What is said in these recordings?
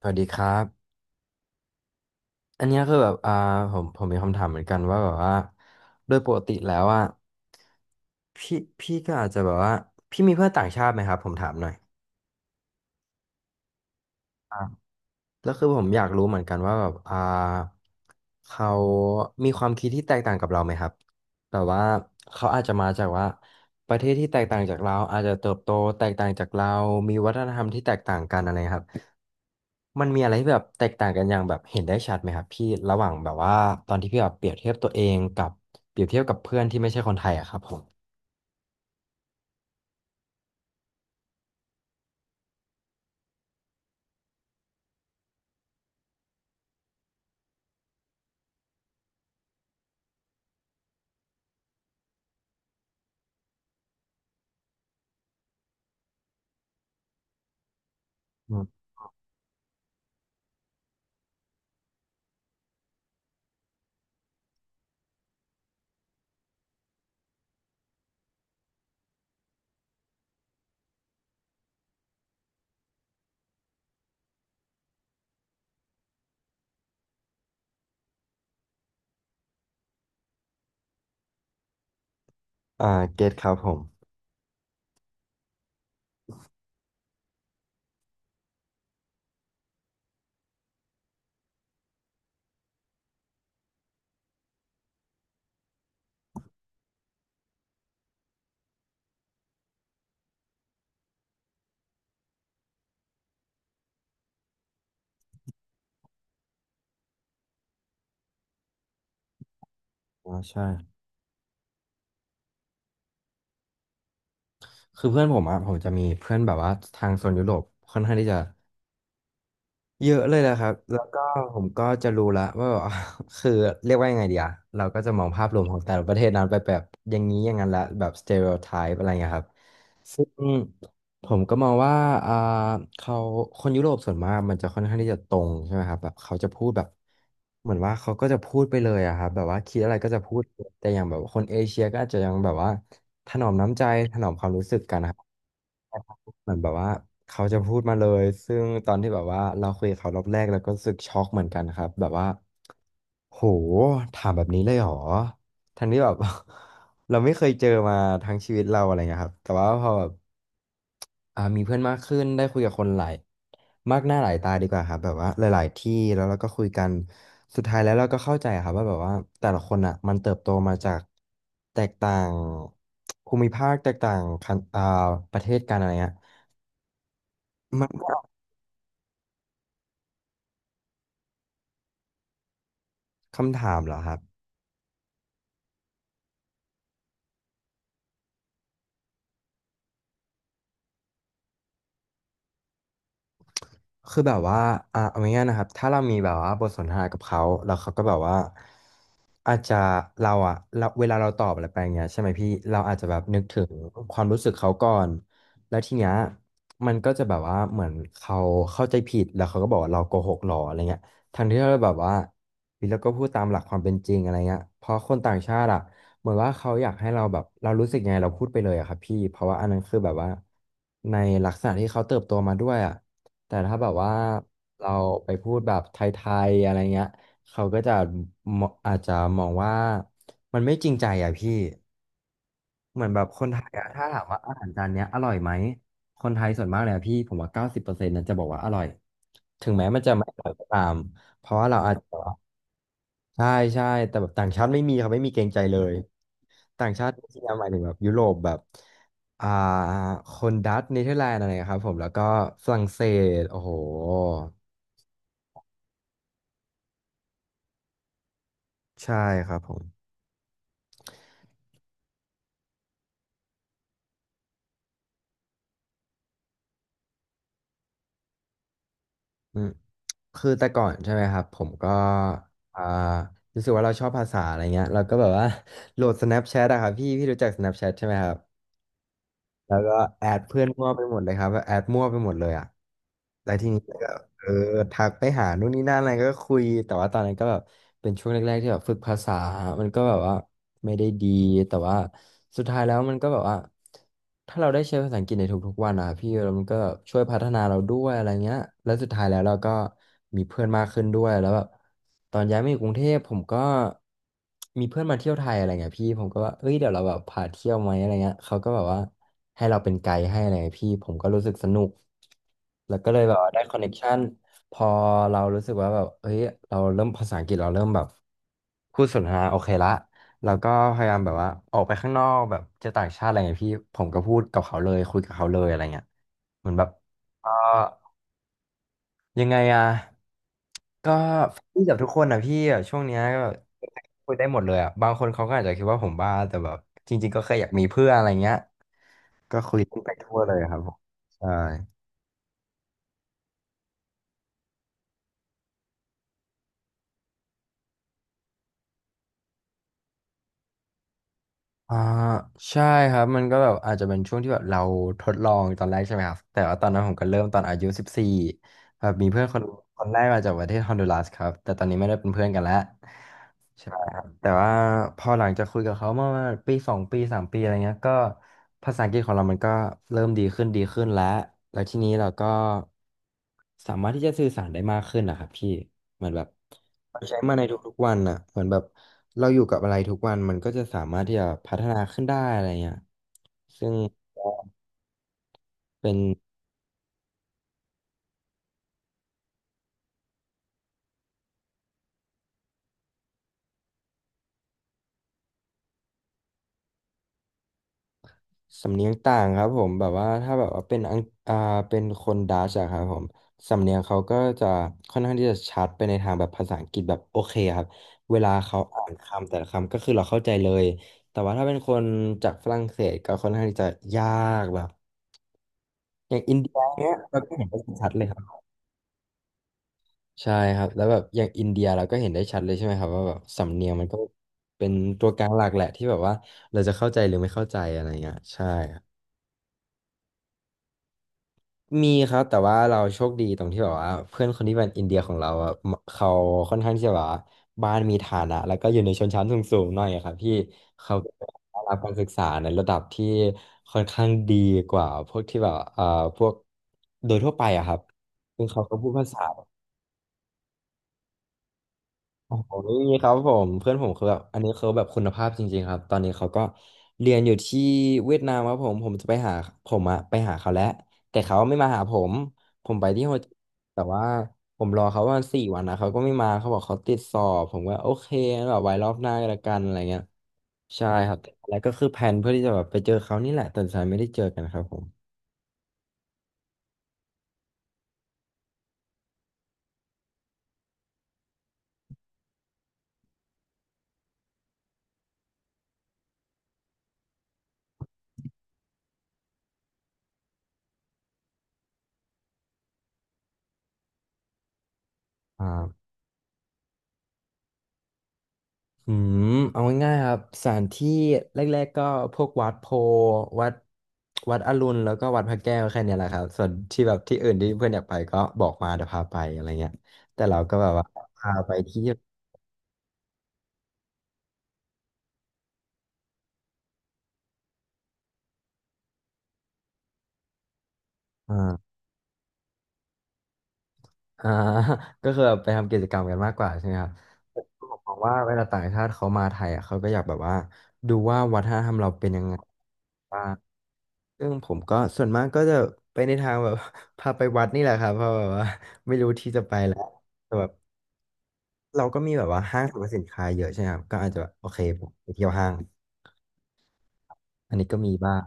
สวัสดีครับ อันเนี้ยคือแบบผมมีคำถามเหมือนกันว่าแบบว่า โดยปกติแล้วอ่ะพี่ก็อาจจะแบบว่า พี่มีเพื่อนต่างชาติไหมครับ ผมถามหน่อยอ่า แล้วคือผมอยากรู้เหมือนกันว่าแบบเขามีความคิดที่แตกต่างกับเราไหมครับแต่ว่าเขาอาจจะมาจากว่าประเทศที่แตกต่างจากเราอาจจะเติบโตแตกต่างจากเรามีวัฒนธรรมที่แตกต่างกันอะไรครับมันมีอะไรที่แบบแตกต่างกันอย่างแบบเห็นได้ชัดไหมครับพี่ระหว่างแบบว่าตอนที่พี่แบบเปรียบเทียบตัวเองกับเปรียบเทียบกับเพื่อนที่ไม่ใช่คนไทยอะครับผมอืมอ่าเก็ตครับผมอ๋อใช่คือเพื่อนผมอะผมจะมีเพื่อนแบบว่าทางโซนยุโรปค่อนข้างที่จะ เยอะเลยแหละครับ แล้วก็ผมก็จะรู้ละว่าแบบ คือเรียกว่ายังไงดีอะเราก็จะมองภาพรวมของแต่ละประเทศนั้นไปแบบอย่างนี้อย่างนั้นละแบบสเต r e o t ไทป์อะไรเงี้ยครับ ซึ่งผมก็มองว่าอ่าเขาคนยุโรปส่วนมากมันจะค่อนข้างที่จะตรงใช่ไหมครับแบบเขาจะพูดแบบเหมือนว่าเขาก็จะพูดไปเลยอะครับแบบว่าคิดอะไรก็จะพูดแต่อย่างแบบคนเอเชียก็อาจจะยังแบบว่าถนอมน้ำใจถนอมความรู้สึกกันนะครับเหมือนแบบว่าเขาจะพูดมาเลยซึ่งตอนที่แบบว่าเราคุยกับเขารอบแรกเราก็รู้สึกช็อกเหมือนกันครับแบบว่าโหถามแบบนี้เลยเหรอทั้งที่แบบ เราไม่เคยเจอมาทั้งชีวิตเราอะไรเงี้ยครับแต่ว่าพอแบบมีเพื่อนมากขึ้นได้คุยกับคนหลายมากหน้าหลายตาดีกว่าครับแบบว่าหลายๆที่แล้วเราก็คุยกัน สุดท้ายแล้วเราก็เข้าใจครับว่าแบบว่าแต่ละคนอ่ะมันเติบโตมาจากแตกต่างภูมิภาคแตกต่างคันอ่าประเทศกันอะไรเงี้ยมันก็คำถามเหรอครับคือแบบว่าอ่ะเอาง่ายๆนะครับถ้าเรามีแบบว่าบทสนทนากับเขาแล้วเขาก็แบบว่า อาจจะเราอะเราเวลาเราตอบอะไรไปอย่างเงี้ยใช่ไหมพี่เราอาจจะแบบนึกถึงความรู้สึกเขาก่อนแล้วทีเนี้ยมันก็จะแบบว่าเหมือนเขาเข้าใจผิดแล้วเขาก็บอกว่าเราโกหกหรออะไรเงี้ยทางที่เราแบบว่าพี่เราก็พูดตามหลักความเป็นจริงอะไรเงี้ยเพราะคนต่างชาติอะเหมือนว่าเขาอยากให้เราแบบเรารู้สึกยังไงเราพูดไปเลยอะครับพี่เพราะว่าอันนั้นคือแบบว่าในลักษณะที่เขาเติบโตมาด้วยอะแต่ถ้าแบบว่าเราไปพูดแบบไทยๆอะไรเงี้ย เขาก็จะมองอาจจะมองว่ามันไม่จริงใจอ่ะพี่เหมือนแบบคนไทยอ่ะถ้าถามว่าอาหารจานเนี้ยอร่อยไหมคนไทยส่วนมากเลยอะพี่ผมว่า90%นั้นจะบอกว่าอร่อยถึงแม้มันจะไม่อร่อยก็ตามเพราะว่าเราอาจจะใช่ใช่แต่แบบต่างชาติไม่มีเขาไม่มีเกรงใจเลยต่างชาติที่หมายถึงแบบยุโรปแบบอ่าคนดัตช์เนเธอร์แลนด์อะไรครับผมแล้วก็ฝรั่งเศสโอ้โหใช่ครับผม อืมคือแต่ก่อนใช่ไหมครับผมก็อ่ารู้สึกว่าเราชอบภาษาอะไรเงี้ยเราก็แบบว่า โหลด Snapchat อะครับพี่พี่รู้จัก Snapchat ใช่ไหมครับแล้วก็แอดเพื่อนมั่วไปหมดเลยครับแอดมั่วไปหมดเลยอะแล้วทีนี้ เออทักไปหานู่นนี่นั่นอะไรก็คุยแต่ว่าตอนนั้นก็แบบเป็นช่วงแรกๆที่แบบฝึกภาษามันก็แบบว่าไม่ได้ดีแต่ว่าสุดท้ายแล้วมันก็แบบว่าถ้าเราได้ใช้ภาษาอังกฤษในทุกๆวันอะพี่แล้วมันก็ช่วยพัฒนาเราด้วยอะไรเงี้ยแล้วสุดท้ายแล้วเราก็มีเพื่อนมากขึ้นด้วยแล้วแบบตอนย้ายมาอยู่กรุงเทพผมก็มีเพื่อนมาเที่ยวไทยอะไรเงี้ยพี่ผมก็ว่าเอ้ยเดี๋ยวเราแบบพาเที่ยวไหมอะไรเงี้ยเขาก็แบบว่าให้เราเป็นไกด์ให้อะไรเงี้ยพี่ผมก็รู้สึกสนุก แล้วก็เลยแบบว่าได้คอนเน t ชันพอเรารู้สึกว่าแบบเฮ้ยเราเริ่มภาษาอังกฤษเราเริ่มแบบพูดสนทนาโอเคละเราก็พยายามแบบว่าออกไปข้างนอกแบบเจอต่างชาติอะไรเงี้ยพี่ผมก็พูดกับเขาเลยคุยกับเขาเลยอะไรเงี้ยเหมือนแบบเออยังไงอะก็ฟี่กับทุกคนอะพี่อะช่วงเนี้ยก็แบบคุยได้หมดเลยอะบางคนเขาก็อาจจะคิดว่าผมบ้าแต่แบบจริงๆก็แค่อยากมีเพื่อนอะไรเงี้ยก็คุยกันไปทั่วเลยครับผมใช่ อ่าใช่ครับมันก็แบบอาจจะเป็นช่วงที่แบบเราทดลองตอนแรกใช่ไหมครับแต่ว่าตอนนั้นผมก็เริ่มตอนอายุ14แบบมีเพื่อนคนแรกมาจากประเทศฮอนดูรัสครับแต่ตอนนี้ไม่ได้เป็นเพื่อนกันแล้วใช่ครับแต่ว่าพอหลังจากคุยกับเขาเมื่อปีสองปีสามปีอะไรเงี้ยก็ภาษาอังกฤษของเรามันก็เริ่มดีขึ้นดีขึ้นแล้วแล้วทีนี้เราก็สามารถที่จะสื่อสารได้มากขึ้นนะครับพี่ เหมือนแบบเราใช้มาในทุกๆวันอ่ะเหมือนแบบเราอยู่กับอะไรทุกวัน มันก็จะสามารถที่จะพัฒนาขึ้นได้อะไรเงี้ยซึ่งก็เป็นสำเนียงต่างครับผมแบบว่าถ้าแบบว่าเป็นอังอ่าเป็นคนดัชอะครับผมสำเนียงเขาก็จะค่อนข้างที่จะชัดไปในทางแบบภาษาอังกฤษแบบโอเคครับเวลาเขาอ่านคำแต่ละคำก็คือเราเข้าใจเลยแต่ว่าถ้าเป็นคนจากฝรั่งเศสก็ค่อนข้างที่จะยากแบบอย่างอินเดียเนี้ยเราก็เห็นได้ชัดเลย ใช่ครับแล้วแบบอย่างอินเดียเราก็เห็นได้ชัดเลยใช่ไหมครับว่าแบบสำเนียงมันก็เป็นตัวกลางหลักแหละที่แบบว่าเราจะเข้าใจหรือไม่เข้าใจอะไรเงี้ยใช่ครับมีครับแต่ว่าเราโชคดีตรงที่แบบว่าเพื่อนคนที่เป็นอินเดียของเราอะเขาค่อนข้างที่จะแบบว่าบ้านมีฐานะแล้วก็อยู่ในชนชั้นสูงๆหน่อยอะครับพี่เขาก็ได้รับการศึกษาในระดับที่ค่อนข้างดีกว่าพวกที่แบบพวกโดยทั่วไปอะครับซึ่งเขาก็พูดภาษา โอ้โหไม่มีครับผมเพื่อนผมคือแบบอันนี้เขาแบบคุณภาพจริงๆครับตอนนี้เขาก็เรียนอยู่ที่เวียดนามครับผมผมจะไปหาผมอะไปหาเขาแล้วแต่เขาไม่มาหาผมผมไปที่โฮจิแต่ว่าผมรอเขาประมาณสี่วันนะเขาก็ไม่มาเขาบอกเขาติดสอบผมก็โอเคงั้นแบบไว้รอบหน้าก็แล้วกันอะไรเงี้ยใช่ครับแล้วก็คือแผนเพื่อที่จะแบบไปเจอเขานี่แหละแต่สุดท้ายไม่ได้เจอกันครับผมอ่า อืมเอาง่ายๆครับสถานที่แรกๆก็พวกวัดโพธิ์วัดวัดอรุณแล้วก็วัดพระแก้วแค่เนี้ยแหละครับส่วนที่แบบที่อื่นที่เพื่อนอยากไปก็บอกมาเดี๋ยวพาไปอะไรเงี้ยแต่เราก็แบบว่าพาไปที่อ่า อ่า ก็คือแบบไปทำกิจกรรมกันมากกว่าใช่ไหมครับผมก็มองว่าเวลาต่างชาติเขามาไทยอ่ะเขาก็อยากแบบว่าดูว่าวัฒนธรรมเราเป็นยังไงบ้างซึ่งผมก็ส่วนมากก็จะไปในทางแบบ พาไปวัดนี่แหละครับเพราะแบบว่า ไม่รู้ที่จะไปแล้วแต่แบบเราก็มีแบบว่าห้างสรรพสินค้าเยอะใช่ไหมครับก็อาจจะแบบโอเคผมไปเที่ยวห้างอันนี้ก็มีบ้าง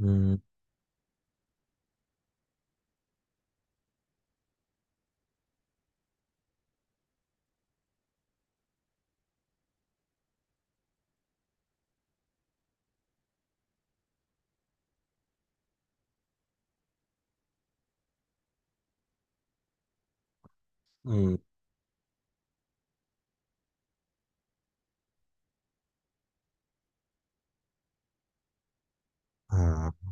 อืมอืมอ่า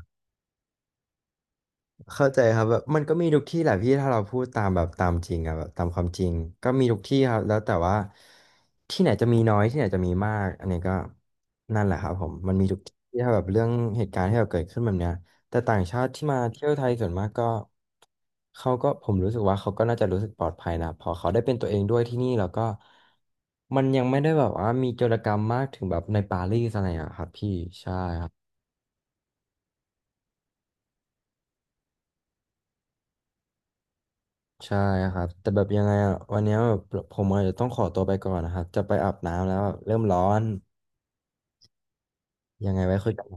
เข้าใจครับแบบมันก็มีทุกที่แหละพี่ถ้าเราพูดตามแบบตามจริงอะแบบตามความจริงก็มีทุกที่ครับแล้วแต่ว่าที่ไหนจะมีน้อยที่ไหนจะมีมากอันนี้ก็นั่นแหละครับผมมันมีทุกที่ถ้าแบบเรื่องเหตุการณ์ที่แบบเกิดขึ้นแบบเนี้ยแต่ต่างชาติที่มาเที่ยวไทยส่วนมากก็เขาก็ผมรู้สึกว่าเขาก็น่าจะรู้สึกปลอดภัยนะพอเขาได้เป็นตัวเองด้วยที่นี่แล้วก็มันยังไม่ได้แบบว่ามีโจรกรรมมากถึงแบบในปารีสอะไรอะครับพี่ใช่ครับ ใช่ครับแต่แบบยังไงอ่ะวันเนี้ยแบบผมอาจจะต้องขอตัวไปก่อนนะครับจะไปอาบน้ำแล้วแบบเริ่มร้อนยังไงไว้คุยกัน